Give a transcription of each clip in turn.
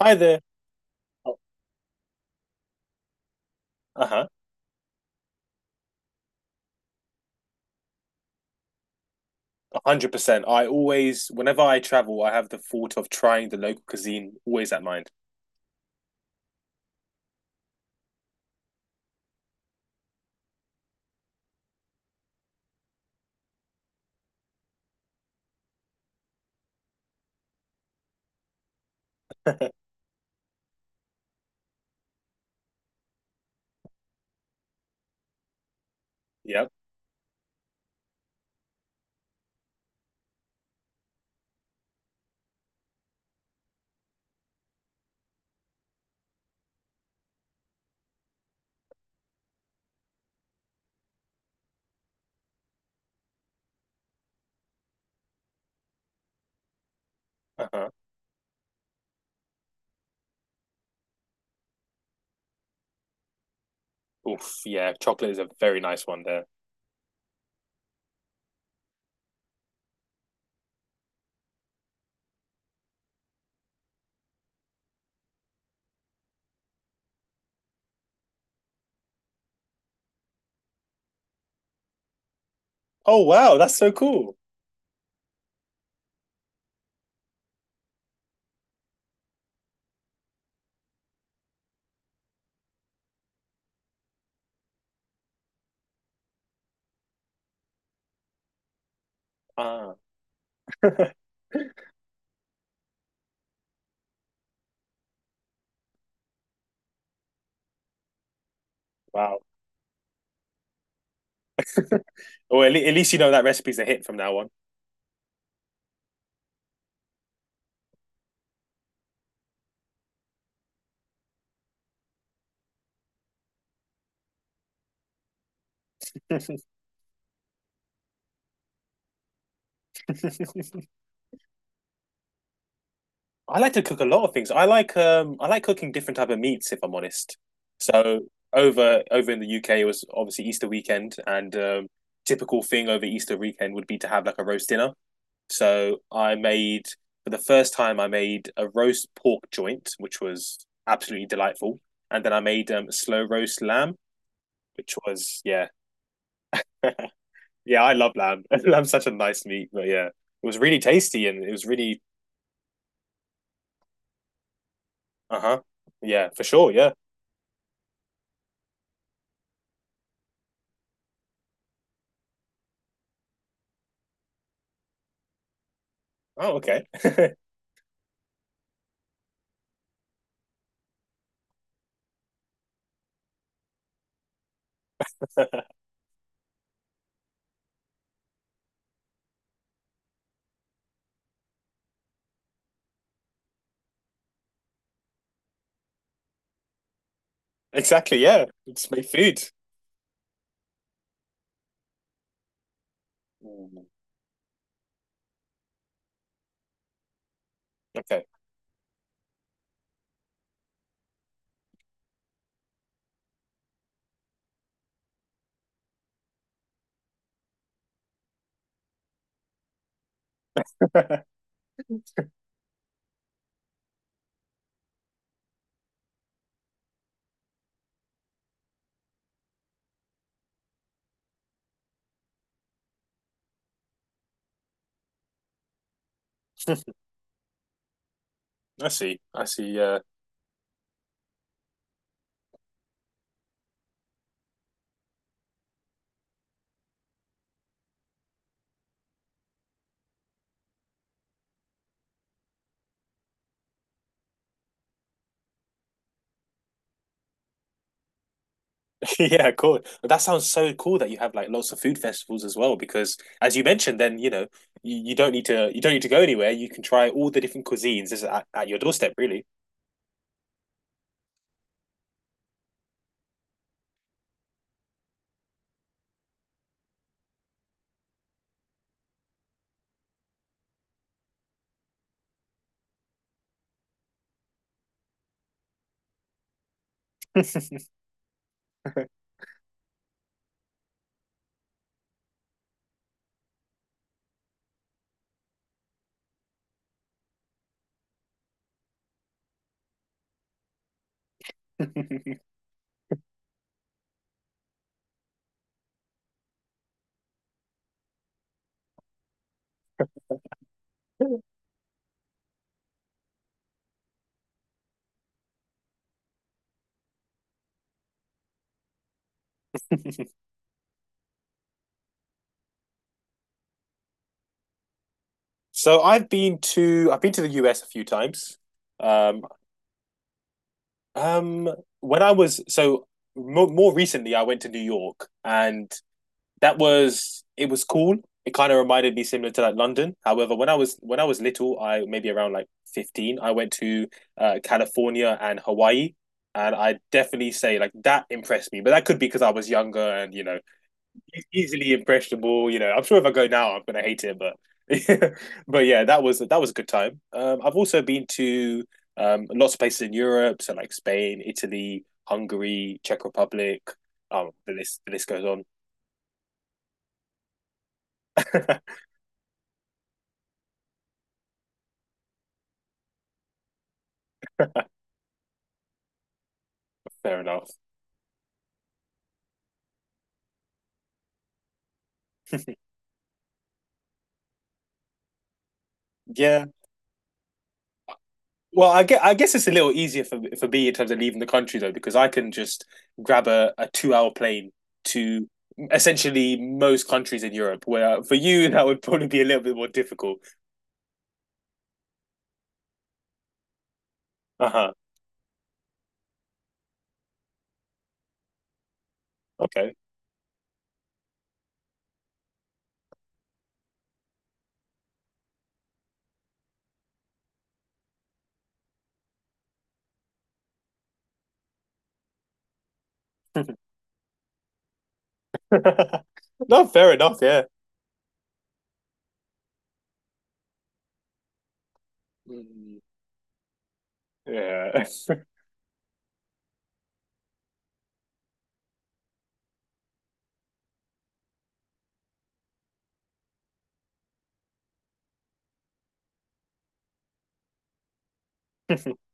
Hi there. Oh, uh-huh. 100%. I always, whenever I travel, I have the thought of trying the local cuisine always at mind. Yep. Uh-huh. Oof, yeah, chocolate is a very nice one there. Oh, wow, that's so cool. Ah, wow. Well, at, le at least you know that recipe's a hit from now on. I like to cook a lot of things. I like cooking different type of meats if I'm honest. So over in the UK it was obviously Easter weekend and typical thing over Easter weekend would be to have like a roast dinner. So I made for the first time I made a roast pork joint, which was absolutely delightful, and then I made slow roast lamb, which was yeah, yeah. I love lamb. Lamb's such a nice meat, but yeah, it was really tasty and it was really uh huh. Yeah, for sure. Yeah. Oh, okay. exactly. Yeah, it's my food. Mm, okay. I see. I see. Yeah. Yeah, cool. That sounds so cool that you have like lots of food festivals as well, because as you mentioned, then you know you don't need to you don't need to go anywhere. You can try all the different cuisines just at your doorstep, really. So I've been to the US a few times. Um, um, when I was so mo more recently, I went to New York, and that was it was cool. It kind of reminded me similar to like London. However, when I was little, I maybe around like 15, I went to California and Hawaii, and I definitely say like that impressed me. But that could be because I was younger and you know e- easily impressionable. You know, I'm sure if I go now, I'm gonna hate it. But but yeah, that was a good time. I've also been to lots of places in Europe, so like Spain, Italy, Hungary, Czech Republic. The list goes on. Fair enough. Yeah. Well, I get. I guess it's a little easier for me in terms of leaving the country though, because I can just grab a 2 hour plane to essentially most countries in Europe. Where for you that would probably be a little bit more difficult. Uh huh. Okay. No, fair enough. Yeah. Mm, yeah.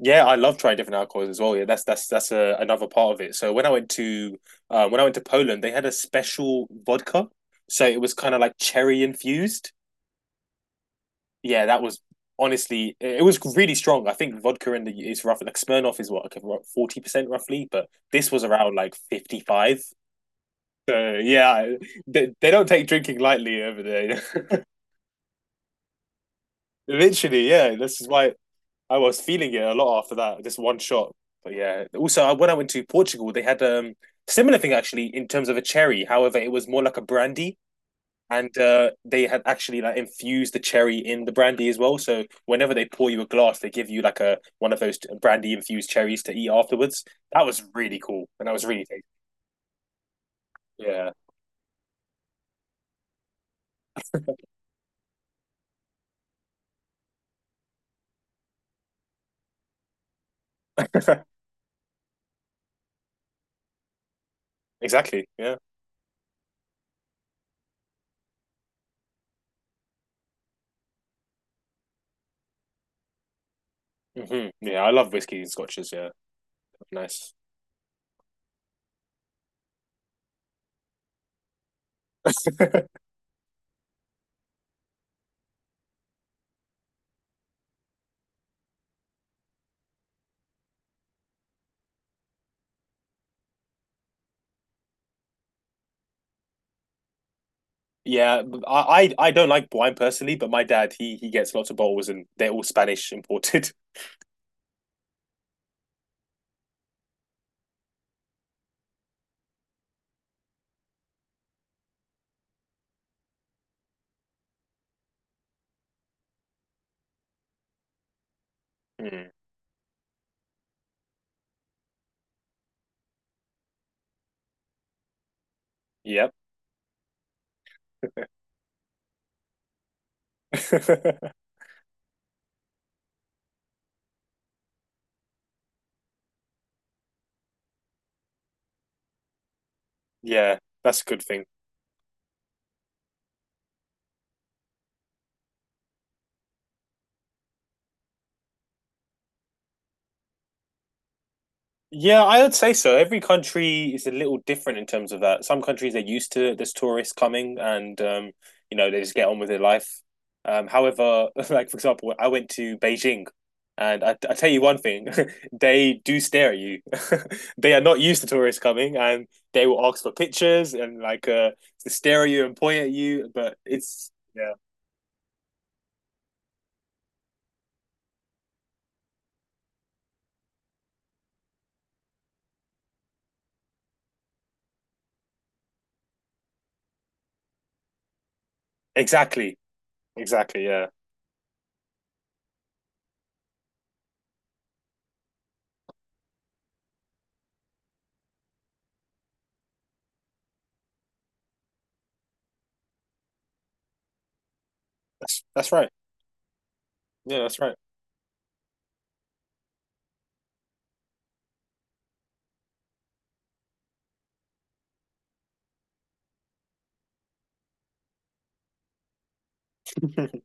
Yeah, I love trying different alcohols as well. Yeah, that's a, another part of it. So when I went to when I went to Poland, they had a special vodka. So it was kind of like cherry infused. Yeah, that was honestly it was really strong. I think vodka in the is roughly Like Smirnoff is what like 40% roughly, but this was around like 55. So yeah, they don't take drinking lightly over there. Literally, yeah. This is why I was feeling it a lot after that, just one shot. But yeah, also when I went to Portugal, they had similar thing actually in terms of a cherry. However, it was more like a brandy. And they had actually like infused the cherry in the brandy as well. So whenever they pour you a glass, they give you like a one of those brandy infused cherries to eat afterwards. That was really cool, and that was really tasty. Yeah, exactly. Yeah, hmm yeah. I love whiskey and scotches. Yeah, nice. Yeah, I don't like wine personally, but my dad he gets lots of bottles, and they're all Spanish imported. Mm. Yep. yeah, that's a good thing. Yeah, I would say so. Every country is a little different in terms of that. Some countries are used to this tourist coming and you know, they just get on with their life. However, like for example, I went to Beijing and I tell you one thing, they do stare at you. They are not used to tourists coming and they will ask for pictures and like to stare at you and point at you, but it's yeah. Exactly. Exactly, yeah. That's right. Yeah, that's right.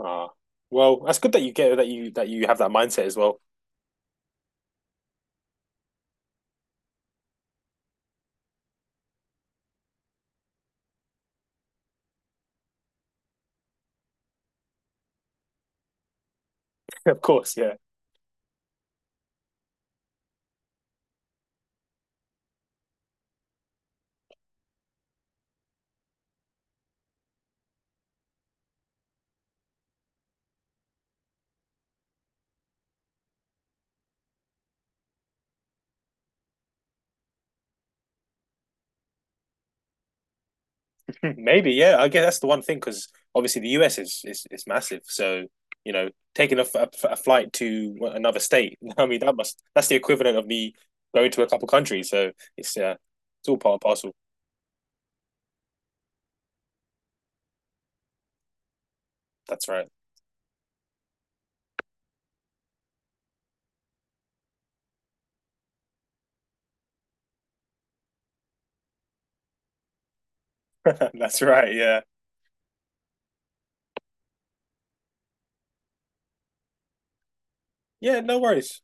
Ah, well, that's good that you get that you have that mindset as well. Of course, yeah, maybe, yeah. I guess that's the one thing because obviously the US is is massive. So you know, taking a, f- a f- a flight to another state, I mean, that must that's the equivalent of me going to a couple countries. So it's yeah, it's all part and parcel. That's right. That's right. Yeah. Yeah. No worries.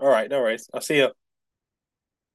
All right. No worries. I'll see you.